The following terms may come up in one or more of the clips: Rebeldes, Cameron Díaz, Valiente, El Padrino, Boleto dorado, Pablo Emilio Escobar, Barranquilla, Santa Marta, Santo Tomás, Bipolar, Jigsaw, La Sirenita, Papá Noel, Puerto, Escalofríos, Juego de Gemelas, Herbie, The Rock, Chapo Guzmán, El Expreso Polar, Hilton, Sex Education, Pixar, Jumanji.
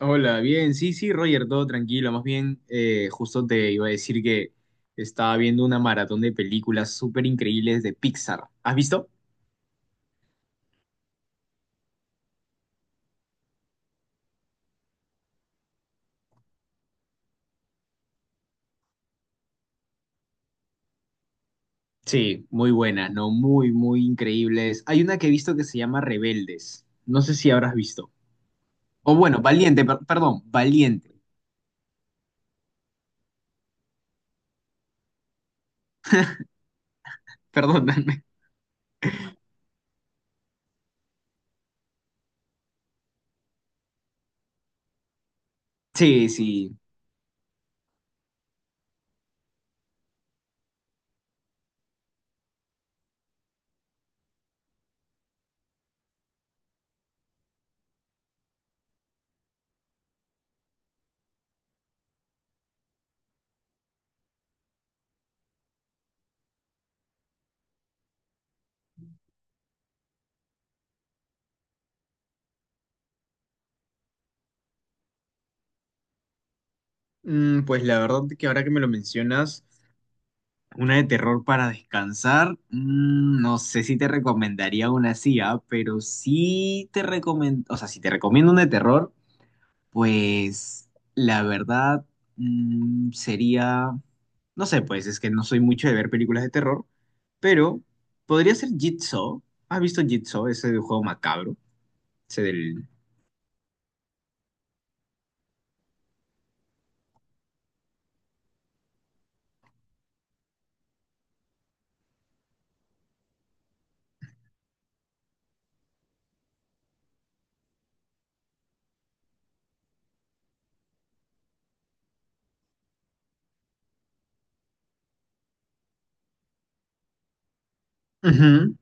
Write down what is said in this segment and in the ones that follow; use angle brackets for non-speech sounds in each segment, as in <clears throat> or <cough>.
Hola, bien, sí, sí, Roger, todo tranquilo. Más bien, justo te iba a decir que estaba viendo una maratón de películas súper increíbles de Pixar. ¿Has visto? Sí, muy buenas, ¿no? Muy, muy increíbles. Hay una que he visto que se llama Rebeldes. No sé si habrás visto. O bueno, Valiente, perdón, Valiente, <laughs> perdóname. Sí, sí. Pues la verdad que ahora que me lo mencionas. Una de terror para descansar. No sé si te recomendaría una así, pero sí te recomiendo, o sea, si te recomiendo una de terror, pues la verdad sería, no sé, pues es que no soy mucho de ver películas de terror, pero podría ser Jigsaw. ¿Has visto Jigsaw? Ese de juego macabro, ese del... Ujú.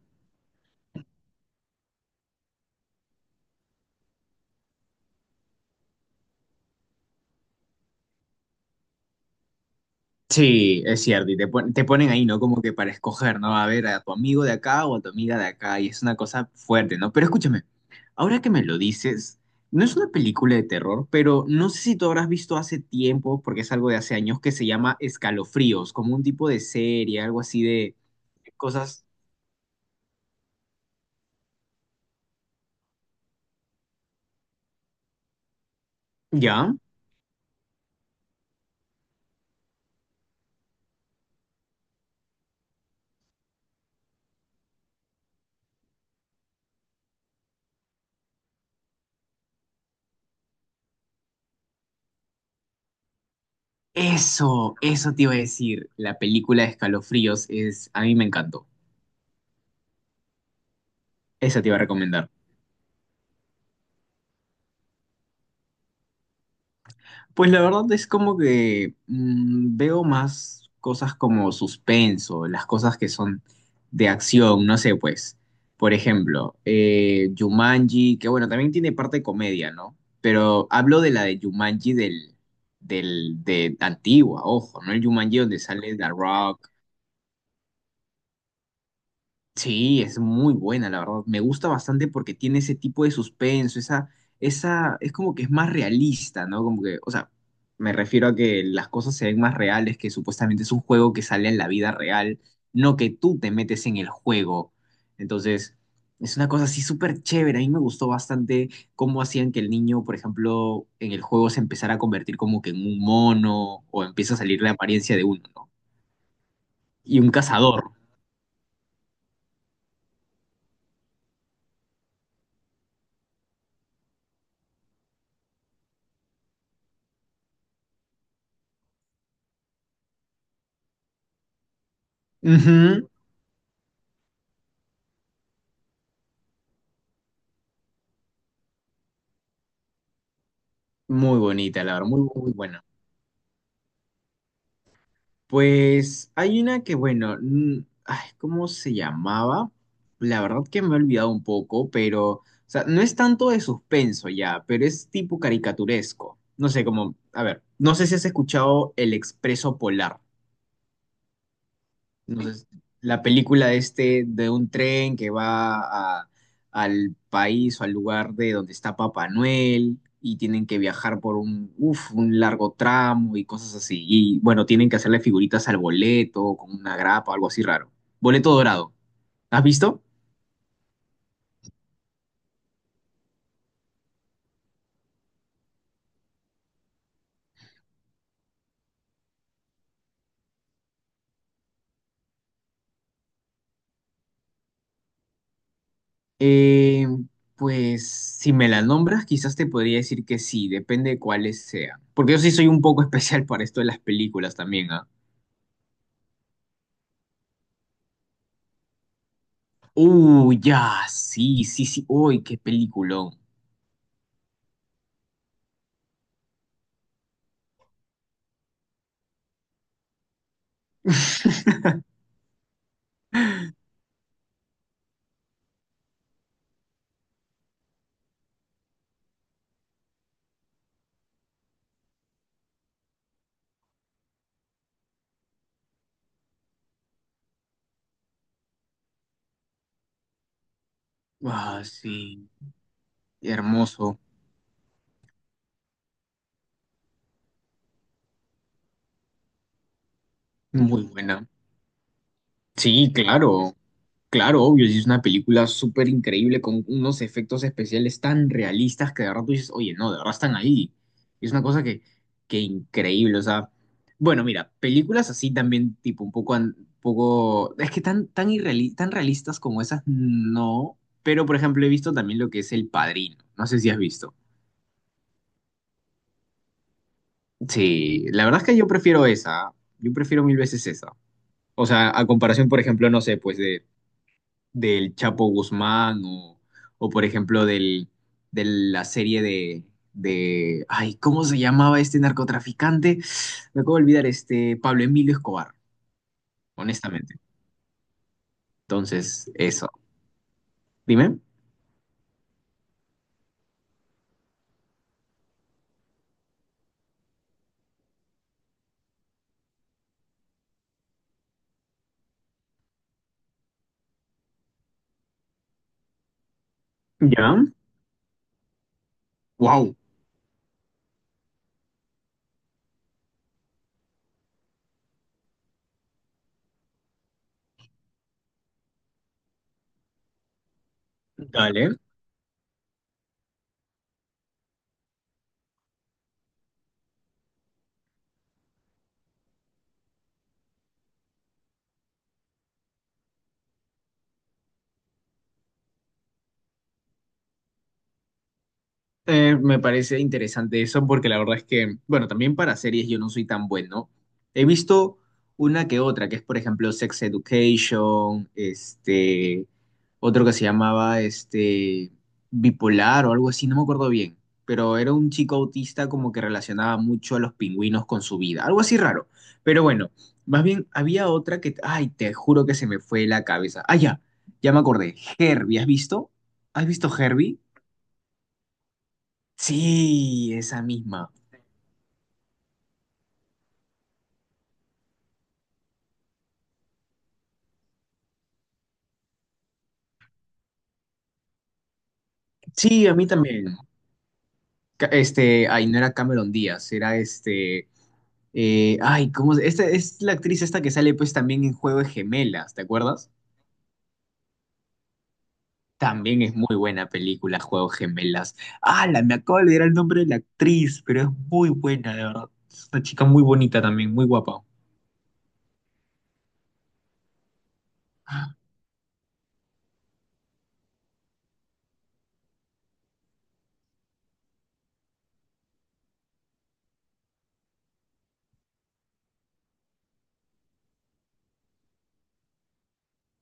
Sí, es cierto, y te, te ponen ahí, ¿no? Como que para escoger, ¿no? A ver, a tu amigo de acá o a tu amiga de acá, y es una cosa fuerte, ¿no? Pero escúchame, ahora que me lo dices, no es una película de terror, pero no sé si tú habrás visto hace tiempo, porque es algo de hace años, que se llama Escalofríos, como un tipo de serie, algo así de cosas, ¿ya? Eso te iba a decir, la película de Escalofríos es, a mí me encantó, esa te iba a recomendar. Pues la verdad es como que veo más cosas como suspenso, las cosas que son de acción, no sé, pues, por ejemplo, Jumanji, que bueno, también tiene parte de comedia, ¿no? Pero hablo de la de Jumanji de antigua, ojo, ¿no? El Jumanji donde sale The Rock. Sí, es muy buena, la verdad. Me gusta bastante porque tiene ese tipo de suspenso, esa, es como que es más realista, ¿no? Como que, o sea, me refiero a que las cosas se ven más reales, que supuestamente es un juego que sale en la vida real, no que tú te metes en el juego. Entonces, es una cosa así súper chévere. A mí me gustó bastante cómo hacían que el niño, por ejemplo, en el juego se empezara a convertir como que en un mono o empieza a salir la apariencia de uno, ¿no? Y un cazador. Ujú. Muy bonita, la verdad, muy, muy buena. Pues hay una que, bueno, ay, ¿cómo se llamaba? La verdad que me he olvidado un poco, pero, o sea, no es tanto de suspenso ya, pero es tipo caricaturesco. No sé, como, a ver, no sé si has escuchado El Expreso Polar. No sé, la película de este, de un tren que al país o al lugar de donde está Papá Noel y tienen que viajar por un, uf, un largo tramo y cosas así. Y bueno, tienen que hacerle figuritas al boleto con una grapa o algo así raro. Boleto dorado. ¿Has visto? Eh, pues si me la nombras, quizás te podría decir que sí, depende de cuáles sean. Porque yo sí soy un poco <laughs> especial para esto de las películas también, ¿ah? Ya, sí, sí, sí. Uy, qué peliculón. <laughs> Ah, sí, hermoso, muy buena. Sí, claro, claro, obvio, sí, es una película súper increíble con unos efectos especiales tan realistas que de verdad tú dices, oye, no, de verdad están ahí. Es una cosa que increíble, o sea, bueno, mira, películas así también, tipo, un poco, poco, es que tan, tan, tan realistas como esas, no, pero por ejemplo he visto también lo que es El Padrino, no sé si has visto. Sí, la verdad es que yo prefiero esa. Yo prefiero mil veces esa. O sea, a comparación, por ejemplo, no sé, pues de, del Chapo Guzmán o por ejemplo, del, de la serie de... Ay, ¿cómo se llamaba este narcotraficante? Me acabo de olvidar, este Pablo Emilio Escobar, honestamente. Entonces, eso. Dime. Ya. Wow. Dale. Me parece interesante eso porque la verdad es que, bueno, también para series yo no soy tan bueno. He visto una que otra, que es por ejemplo Sex Education, este, otro que se llamaba este, Bipolar o algo así, no me acuerdo bien, pero era un chico autista como que relacionaba mucho a los pingüinos con su vida, algo así raro. Pero bueno, más bien había otra que, ay, te juro que se me fue la cabeza. Ah, ya, ya me acordé. Herbie, ¿has visto? ¿Has visto Herbie? Sí, esa misma. Sí, a mí también. Este, ay, no era Cameron Díaz, era este, ay, ¿cómo se- Esta es la actriz esta que sale pues también en Juego de Gemelas, ¿te acuerdas? También es muy buena película, Juego de Gemelas. Ah, la me acabo de olvidar el nombre de la actriz, pero es muy buena, de verdad. Es una chica muy bonita también, muy guapa.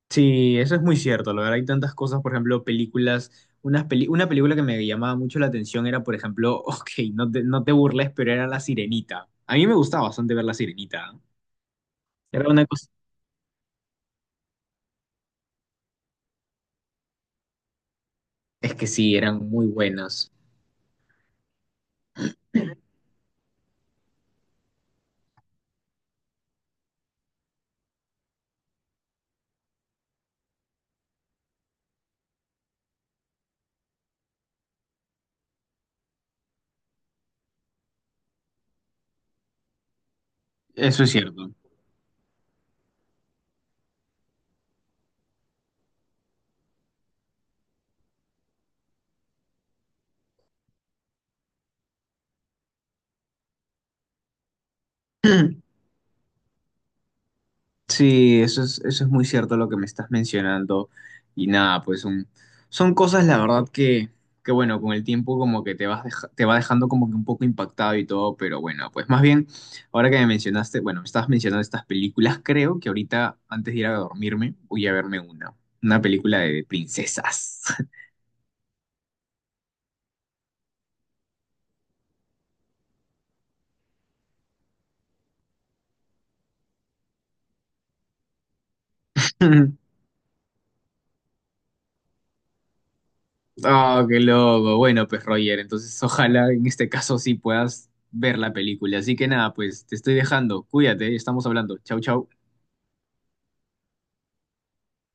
Sí, eso es muy cierto. La verdad, hay tantas cosas, por ejemplo, películas. Una película que me llamaba mucho la atención era, por ejemplo, <laughs> ok, no te burles, pero era La Sirenita. A mí me gustaba bastante ver La Sirenita. Era una cosa. Es que sí, eran muy buenas. Eso es cierto. <clears throat> Sí, eso es muy cierto lo que me estás mencionando. Y nada, pues son, son cosas, la verdad, que bueno, con el tiempo como que te vas te va dejando como que un poco impactado y todo, pero bueno, pues más bien, ahora que me mencionaste, bueno, me estabas mencionando estas películas, creo que ahorita, antes de ir a dormirme, voy a verme una película de princesas. <laughs> Oh, qué loco. Bueno, pues Roger, entonces ojalá en este caso sí puedas ver la película. Así que nada, pues te estoy dejando. Cuídate, estamos hablando. Chau, chau.